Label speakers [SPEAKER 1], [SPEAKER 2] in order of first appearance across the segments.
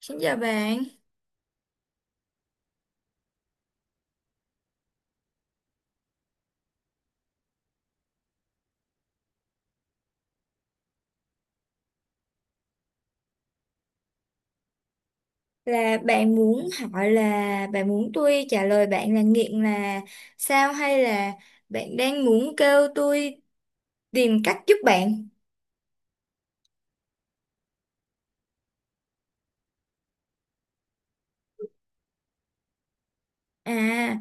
[SPEAKER 1] Xin chào bạn, là bạn muốn hỏi là bạn muốn tôi trả lời bạn là nghiện là sao hay là bạn đang muốn kêu tôi tìm cách giúp bạn? À,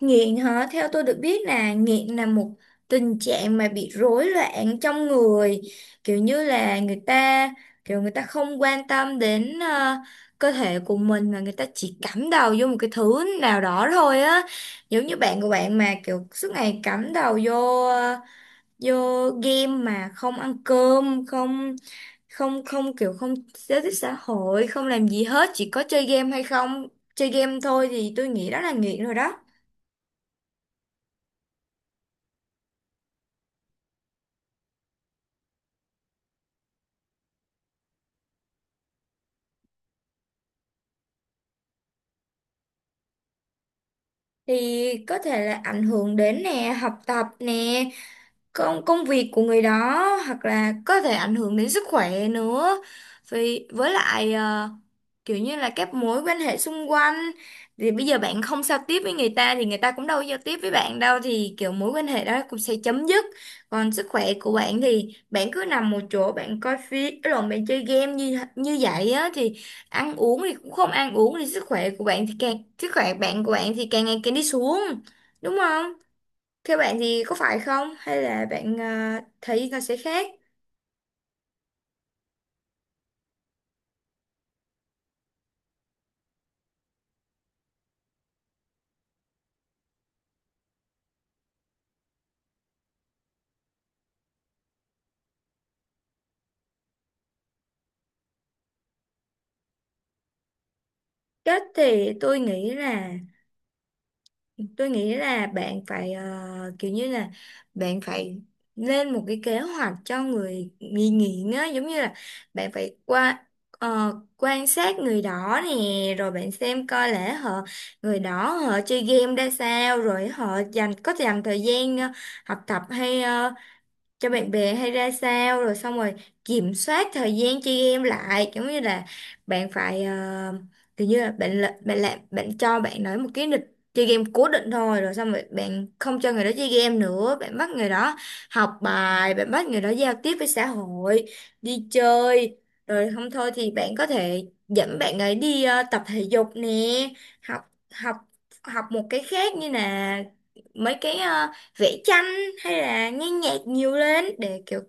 [SPEAKER 1] nghiện hả? Theo tôi được biết là nghiện là một tình trạng mà bị rối loạn trong người, kiểu như là người ta kiểu người ta không quan tâm đến cơ thể của mình mà người ta chỉ cắm đầu vô một cái thứ nào đó thôi á. Giống như bạn của bạn mà kiểu suốt ngày cắm đầu vô vô game mà không ăn cơm không không không kiểu không giao tiếp xã hội không làm gì hết chỉ có chơi game hay không chơi game thôi thì tôi nghĩ đó là nghiện rồi đó. Thì có thể là ảnh hưởng đến nè học tập nè công công việc của người đó, hoặc là có thể ảnh hưởng đến sức khỏe nữa, vì với lại kiểu như là các mối quan hệ xung quanh, thì bây giờ bạn không giao tiếp với người ta thì người ta cũng đâu có giao tiếp với bạn đâu thì kiểu mối quan hệ đó cũng sẽ chấm dứt. Còn sức khỏe của bạn thì bạn cứ nằm một chỗ bạn coi phim lộn bạn chơi game như như vậy á thì ăn uống thì cũng không ăn uống thì sức khỏe của bạn thì càng sức khỏe bạn của bạn thì càng ngày càng đi xuống đúng không, theo bạn thì có phải không hay là bạn à, thấy nó sẽ khác. Cách thì tôi nghĩ là bạn phải kiểu như là bạn phải lên một cái kế hoạch cho người nghi nghiện á, giống như là bạn phải qua quan sát người đó nè, rồi bạn xem coi lẽ họ người đó họ chơi game ra sao, rồi họ dành có dành thời gian học tập hay cho bạn bè hay ra sao, rồi xong rồi kiểm soát thời gian chơi game lại, giống như là bạn phải kiểu như là- bạn làm bạn cho bạn nói một cái lịch chơi game cố định thôi, rồi xong rồi bạn không cho người đó chơi game nữa, bạn bắt người đó học bài, bạn bắt người đó giao tiếp với xã hội, đi chơi, rồi không thôi thì bạn có thể dẫn bạn ấy đi tập thể dục nè, học học học một cái khác như là mấy cái vẽ tranh hay là nghe nhạc nhiều lên để kiểu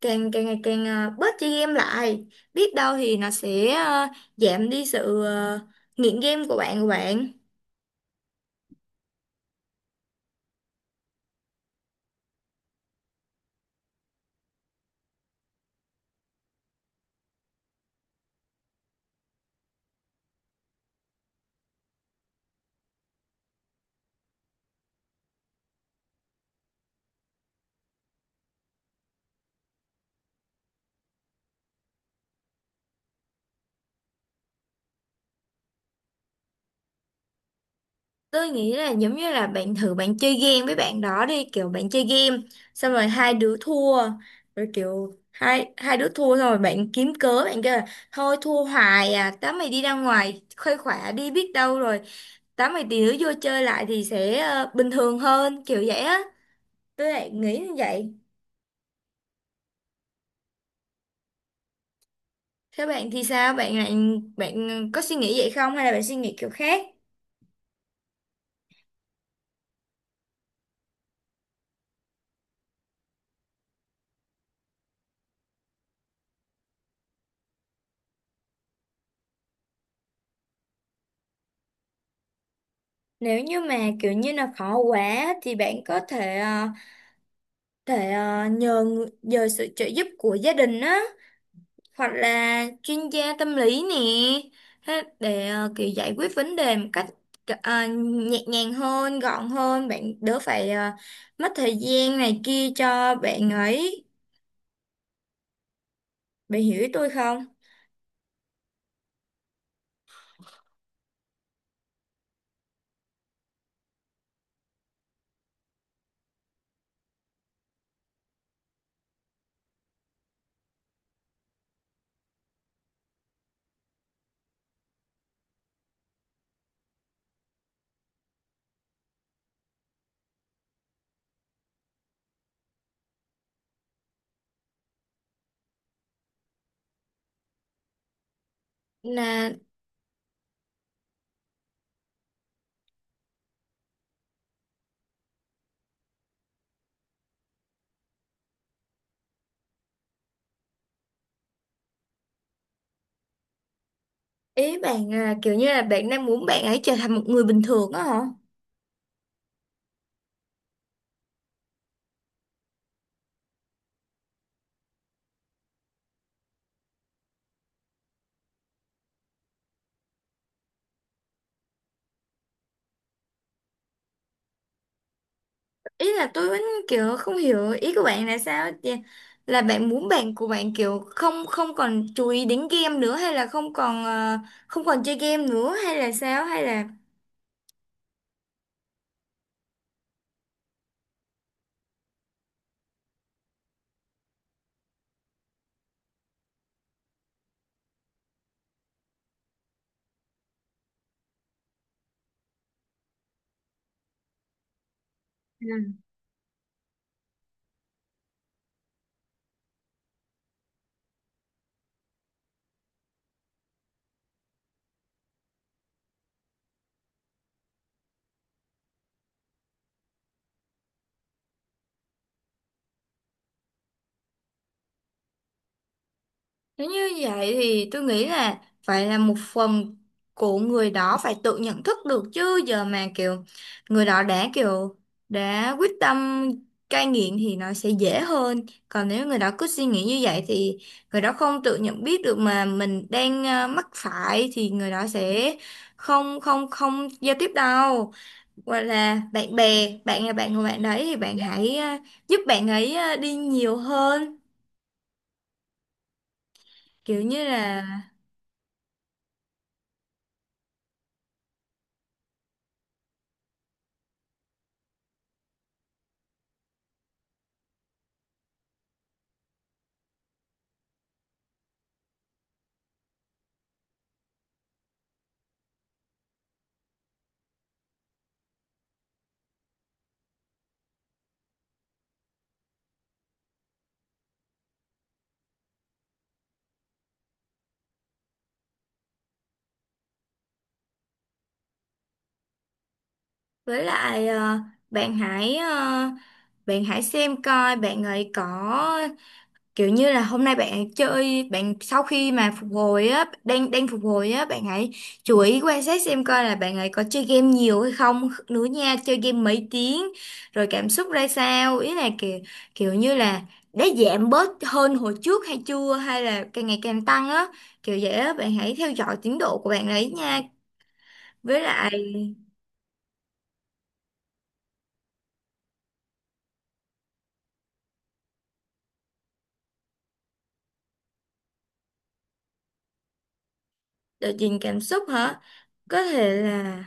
[SPEAKER 1] càng càng ngày càng bớt chơi game lại, biết đâu thì nó sẽ giảm đi sự nghiện game của bạn của bạn. Tôi nghĩ là giống như là bạn thử bạn chơi game với bạn đó đi, kiểu bạn chơi game xong rồi hai đứa thua, rồi kiểu hai hai đứa thua xong rồi bạn kiếm cớ bạn kêu là thôi thua hoài à, tao mày đi ra ngoài khuây khỏa đi, biết đâu rồi tám mày tí nữa vô chơi lại thì sẽ bình thường hơn kiểu vậy á, tôi lại nghĩ như vậy. Thế bạn thì sao, bạn lại bạn có suy nghĩ vậy không hay là bạn suy nghĩ kiểu khác. Nếu như mà kiểu như là khó quá thì bạn có thể thể nhờ người- nhờ sự trợ giúp của gia đình á, hoặc là chuyên gia tâm lý nè, thế để kiểu giải quyết vấn đề một cách nhẹ nhàng hơn gọn hơn, bạn đỡ phải mất thời gian này kia cho bạn ấy. Bạn hiểu ý tôi không? Là ý bạn à, kiểu như là bạn đang muốn bạn ấy trở thành một người bình thường á hả? Ý là tôi vẫn kiểu không hiểu ý của bạn là sao chị? Là bạn muốn bạn của bạn kiểu không không còn chú ý đến game nữa hay là không còn không còn chơi game nữa hay là sao hay là nếu như vậy thì tôi nghĩ là phải là một phần của người đó phải tự nhận thức được, chứ giờ mà kiểu người đó đã kiểu đã quyết tâm cai nghiện thì nó sẽ dễ hơn. Còn nếu người đó cứ suy nghĩ như vậy thì người đó không tự nhận biết được mà mình đang mắc phải thì người đó sẽ không không không giao tiếp đâu. Hoặc là bạn bè, bạn là bạn của bạn đấy thì bạn hãy giúp bạn ấy đi nhiều hơn. Kiểu như là với lại bạn hãy bạn hãy xem coi bạn ấy có kiểu như là hôm nay bạn chơi bạn sau khi mà phục hồi á đang đang phục hồi á, bạn hãy chú ý quan sát xem coi là bạn ấy có chơi game nhiều hay không nữa nha, chơi game mấy tiếng rồi cảm xúc ra sao, ý là kiểu kiểu như là đã giảm bớt hơn hồi trước hay chưa hay là càng ngày càng tăng á, kiểu vậy á bạn hãy theo dõi tiến độ của bạn ấy nha. Với lại đợt nhìn cảm xúc hả? Có thể là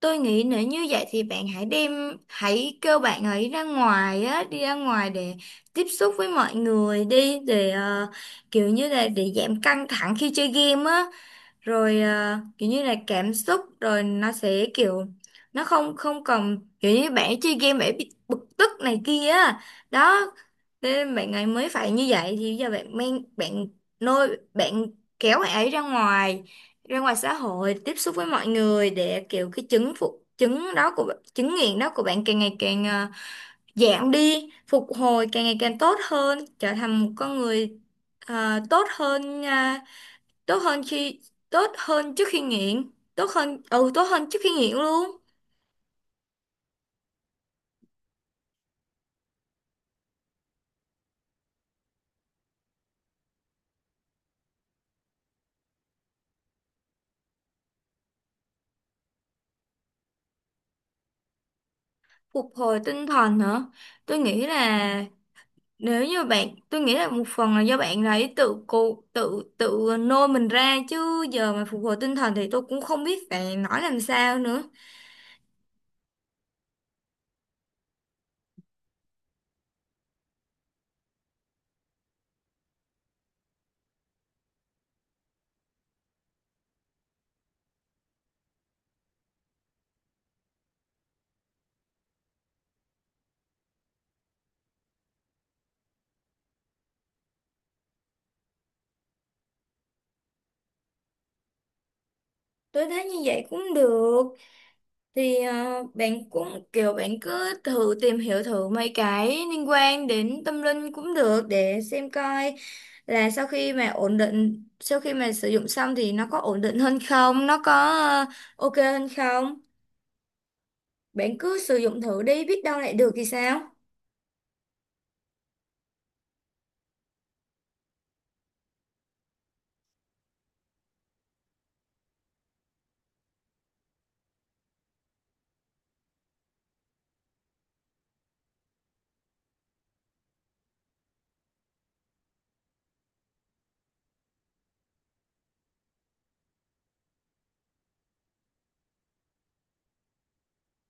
[SPEAKER 1] tôi nghĩ nếu như vậy thì bạn hãy đem hãy kêu bạn ấy ra ngoài á, đi ra ngoài để tiếp xúc với mọi người đi, để kiểu như là để giảm căng thẳng khi chơi game á. Rồi à, kiểu như là cảm xúc rồi nó sẽ kiểu nó không không còn kiểu như bạn chơi game bạn bị bực tức này kia á, đó nên bạn ấy mới phải như vậy, thì giờ bạn mang bạn nôi bạn kéo bạn ấy ra ngoài xã hội tiếp xúc với mọi người, để kiểu cái chứng phục chứng đó của bạn- chứng nghiện đó của bạn càng ngày càng à, giảm đi, phục hồi càng ngày càng tốt hơn, trở thành một con người à, tốt hơn tốt hơn khi tốt hơn trước khi nghiện, tốt hơn ừ tốt hơn trước khi nghiện luôn. Phục hồi tinh thần hả? Tôi nghĩ là nếu như bạn tôi nghĩ là một phần là do bạn ấy tự cô tự tự nôi mình ra, chứ giờ mà phục hồi tinh thần thì tôi cũng không biết phải nói làm sao nữa. Tôi thấy như vậy cũng được, thì bạn cũng kiểu bạn cứ thử tìm hiểu thử mấy cái liên quan đến tâm linh cũng được, để xem coi là sau khi mà ổn định sau khi mà sử dụng xong thì nó có ổn định hơn không, nó có ờ, ok hơn không. Bạn cứ sử dụng thử đi, biết đâu lại được thì sao.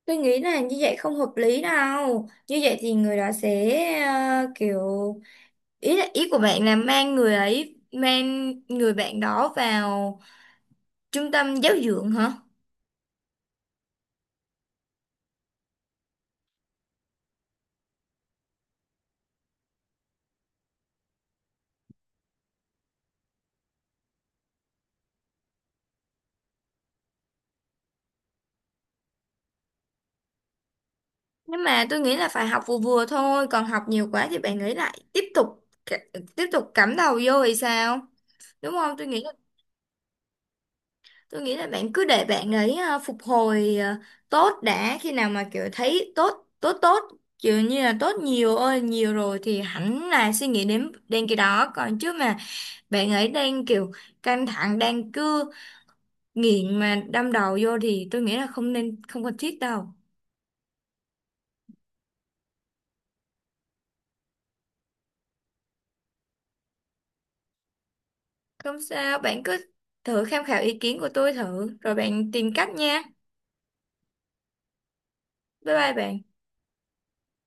[SPEAKER 1] Tôi nghĩ là như vậy không hợp lý đâu, như vậy thì người đó sẽ kiểu ý là ý của bạn là mang người ấy mang người bạn đó vào trung tâm giáo dưỡng hả? Nhưng mà tôi nghĩ là phải học vừa vừa thôi, còn học nhiều quá thì bạn nghĩ lại tiếp tục c- tiếp tục cắm đầu vô thì sao, đúng không. Tôi nghĩ là tôi nghĩ là bạn cứ để bạn ấy phục hồi tốt đã, khi nào mà kiểu thấy tốt tốt tốt kiểu như là tốt nhiều ơi nhiều rồi thì hẳn là suy nghĩ đến đến cái đó còn, chứ mà bạn ấy đang kiểu căng thẳng đang cứ nghiện mà đâm đầu vô thì tôi nghĩ là không nên không cần thiết đâu. Không sao, bạn cứ thử tham khảo ý kiến của tôi thử, rồi bạn tìm cách nha. Bye bye bạn.